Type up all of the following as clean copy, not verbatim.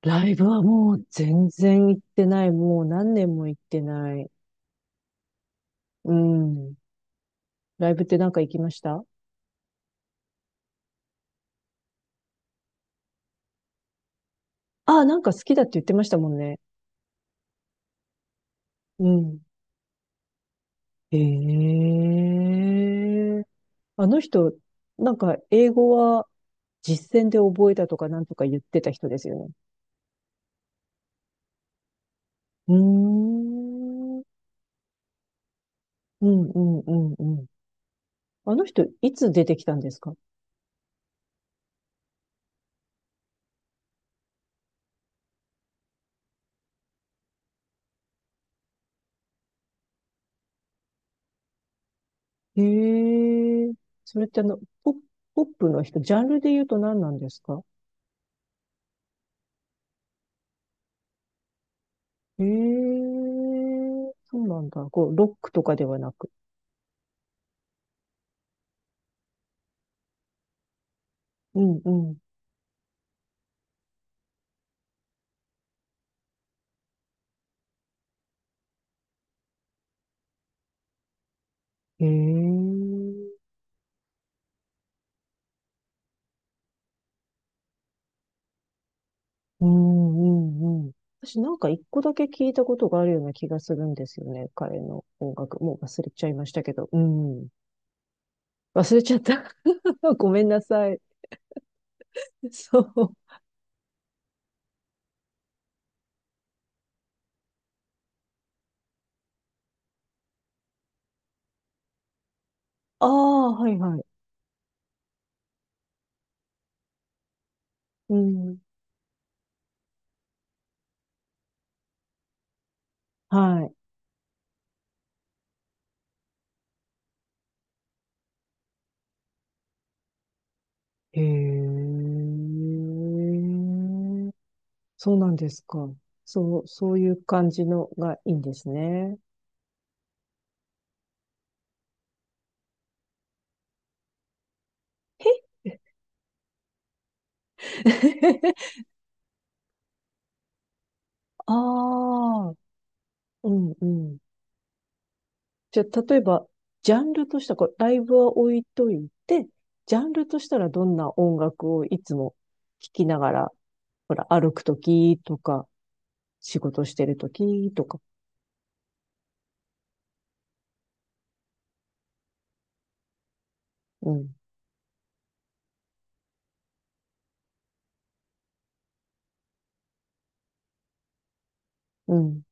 ライブはもう全然行ってない。もう何年も行ってない。うん。ライブってなんか行きました？ああ、なんか好きだって言ってましたもんね。うん。ええ、あの人、なんか英語は実践で覚えたとかなんとか言ってた人ですよね。うーん。うん、うん、うん、うん。あの人、いつ出てきたんですか？へえ。それってポップの人、ジャンルで言うと何なんですか？ええー、そうなんだ。こう、ロックとかではなく。うん、うん。ええー、うん、うん、うん。私なんか一個だけ聞いたことがあるような気がするんですよね。彼の音楽。もう忘れちゃいましたけど。うん。忘れちゃった。ごめんなさい。そう。ああ、はい、はい。うん。はい。へえ。そうなんですか。そう、そういう感じのがいいんですね。へ。 ああ、うん、うん。じゃあ、例えば、ジャンルとしたら、こうライブは置いといて、ジャンルとしたらどんな音楽をいつも聴きながら、ほら、歩くときとか、仕事してるときとか。うん、うん、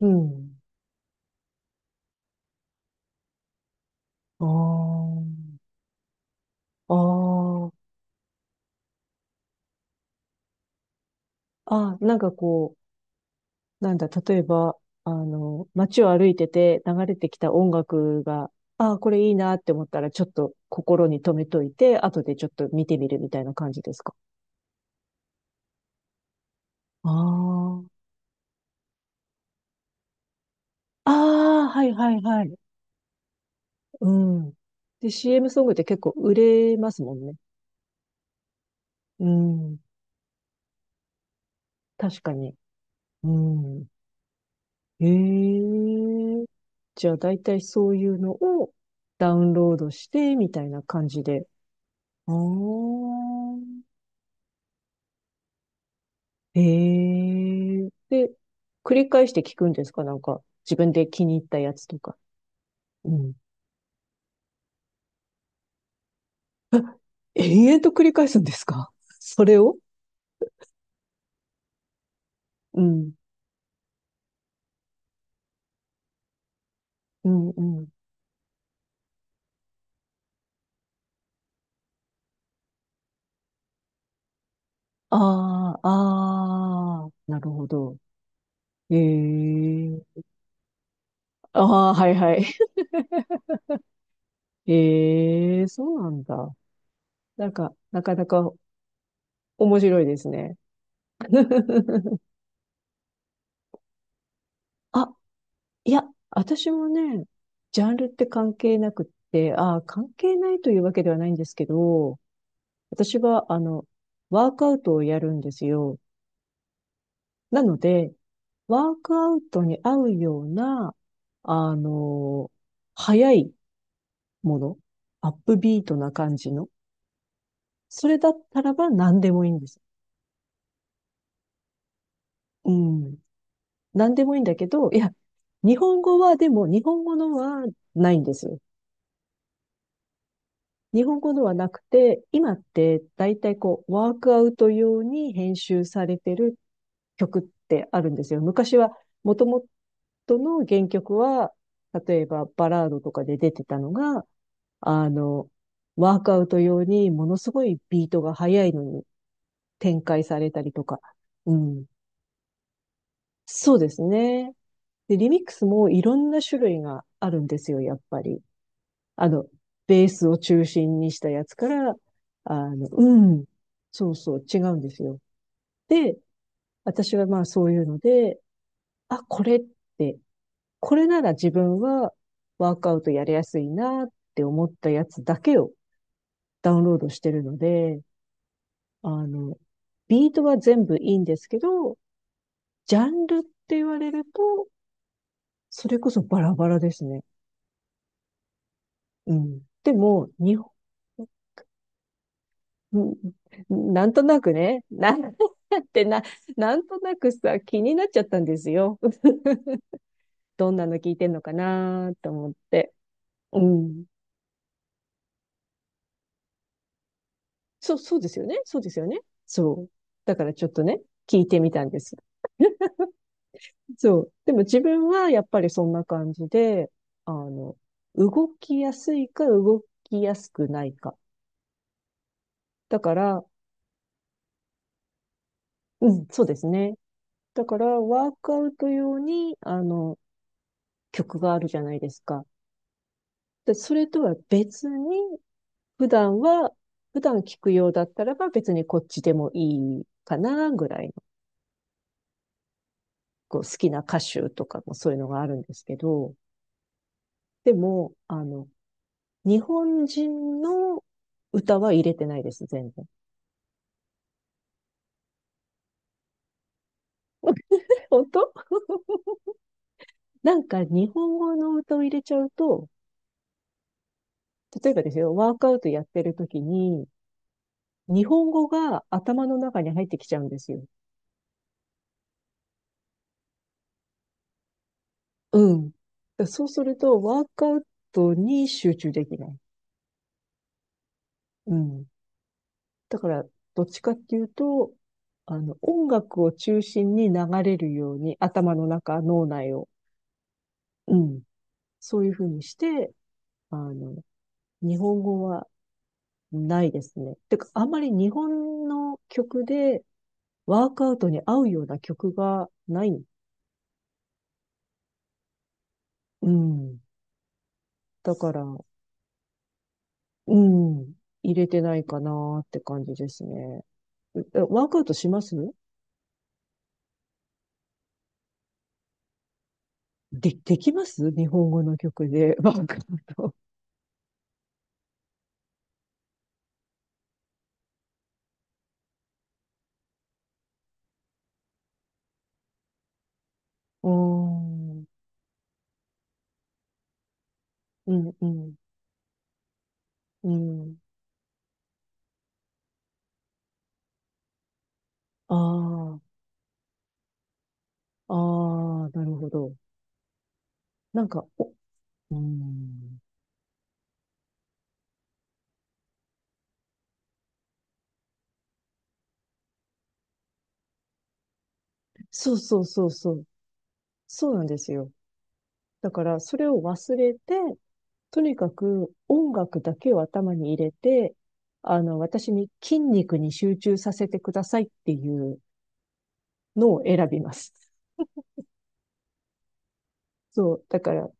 うん。ああ、ああ、ああ、なんかこう、なんだ、例えば、街を歩いてて流れてきた音楽が、ああ、これいいなって思ったら、ちょっと心に留めといて、後でちょっと見てみるみたいな感じですか？ああ。ああ、はい、はい、はい。うん。で、CM ソングって結構売れますもんね。うん。確かに。うん。へえ。じゃあ、だいたいそういうのをダウンロードして、みたいな感じで。ああ。へえ。で、繰り返して聞くんですか？なんか、自分で気に入ったやつとか。うん。延々と繰り返すんですか？ それを。うん。うん、うん。ああ、ああ、なるほど。ええ。ああ、はい、はい。ええ、そうなんだ。なんか、なかなか面白いですね。あ、いや、私もね、ジャンルって関係なくって、ああ、関係ないというわけではないんですけど、私は、ワークアウトをやるんですよ。なので、ワークアウトに合うような、あの、速いもの、アップビートな感じの、それだったらば何でもいいんです。うん。何でもいいんだけど、いや、日本語はでも、日本語のはないんです。日本語ではなくて、今って大体こう、ワークアウト用に編集されてる曲ってあるんですよ。昔は、もともとの原曲は、例えばバラードとかで出てたのが、あの、ワークアウト用にものすごいビートが速いのに展開されたりとか。うん。そうですね。で、リミックスもいろんな種類があるんですよ、やっぱり。あの、ベースを中心にしたやつから、うん、そうそう、違うんですよ。で、私はまあそういうので、あ、て、これなら自分はワークアウトやりやすいなって思ったやつだけをダウンロードしてるので、あの、ビートは全部いいんですけど、ジャンルって言われると、それこそバラバラですね。うん。でも、日本。うん。 なんとなくね、なん、 ってな、なんとなくさ、気になっちゃったんですよ。どんなの聞いてんのかなと思って。うん。そう、そうですよね。そうですよね。そう。だからちょっとね、聞いてみたんです。そう。でも自分はやっぱりそんな感じで、あの、動きやすいか動きやすくないか。だから、うん、そうですね。だから、ワークアウト用に、曲があるじゃないですか。で、それとは別に、普段は、普段聞くようだったらば別にこっちでもいいかな、ぐらいの、こう好きな歌手とかもそういうのがあるんですけど、でも、日本人の歌は入れてないです、全然。本当。なんか日本語の歌を入れちゃうと、例えばですよ、ワークアウトやってる時に、日本語が頭の中に入ってきちゃうんですよ。うん。そうすると、ワークアウトに集中できない。うん。だから、どっちかっていうと、音楽を中心に流れるように、頭の中、脳内を。うん。そういうふうにして、あの、日本語はないですね。てか、あんまり日本の曲でワークアウトに合うような曲がない。うん。だから、うん。入れてないかなって感じですね。うえワークアウトします？で、できます？日本語の曲でワークアウト。うーん。うん、うん。うん。ああ、ああ、なるほど。なんか、お、うん。そうそうそうそう。そうなんですよ。だから、それを忘れて、とにかく音楽だけを頭に入れて、私に筋肉に集中させてくださいっていうのを選びます。そう。だから、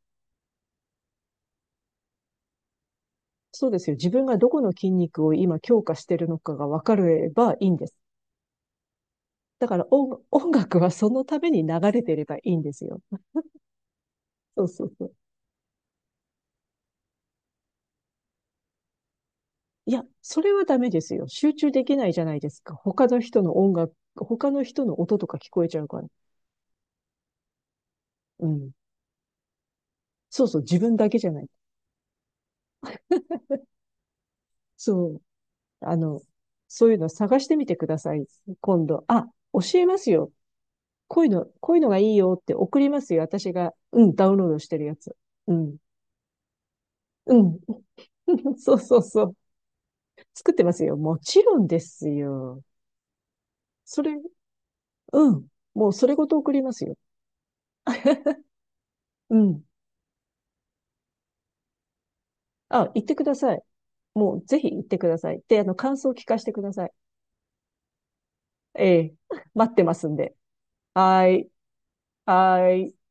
そうですよ。自分がどこの筋肉を今強化してるのかが分かればいいんです。だから音楽はそのために流れてればいいんですよ。そうそうそう。いや、それはダメですよ。集中できないじゃないですか。他の人の音楽、他の人の音とか聞こえちゃうから。うん。そうそう、自分だけじゃない。そう。あの、そういうの探してみてください。今度。あ、教えますよ。こういうのがいいよって送りますよ。私が、うん、ダウンロードしてるやつ。うん。うん。そうそうそう。作ってますよ。もちろんですよ。それ、うん。もうそれごと送りますよ。うん。あ、行ってください。もうぜひ行ってください。で、感想を聞かせてください。ええ。待ってますんで。はーい。はーい。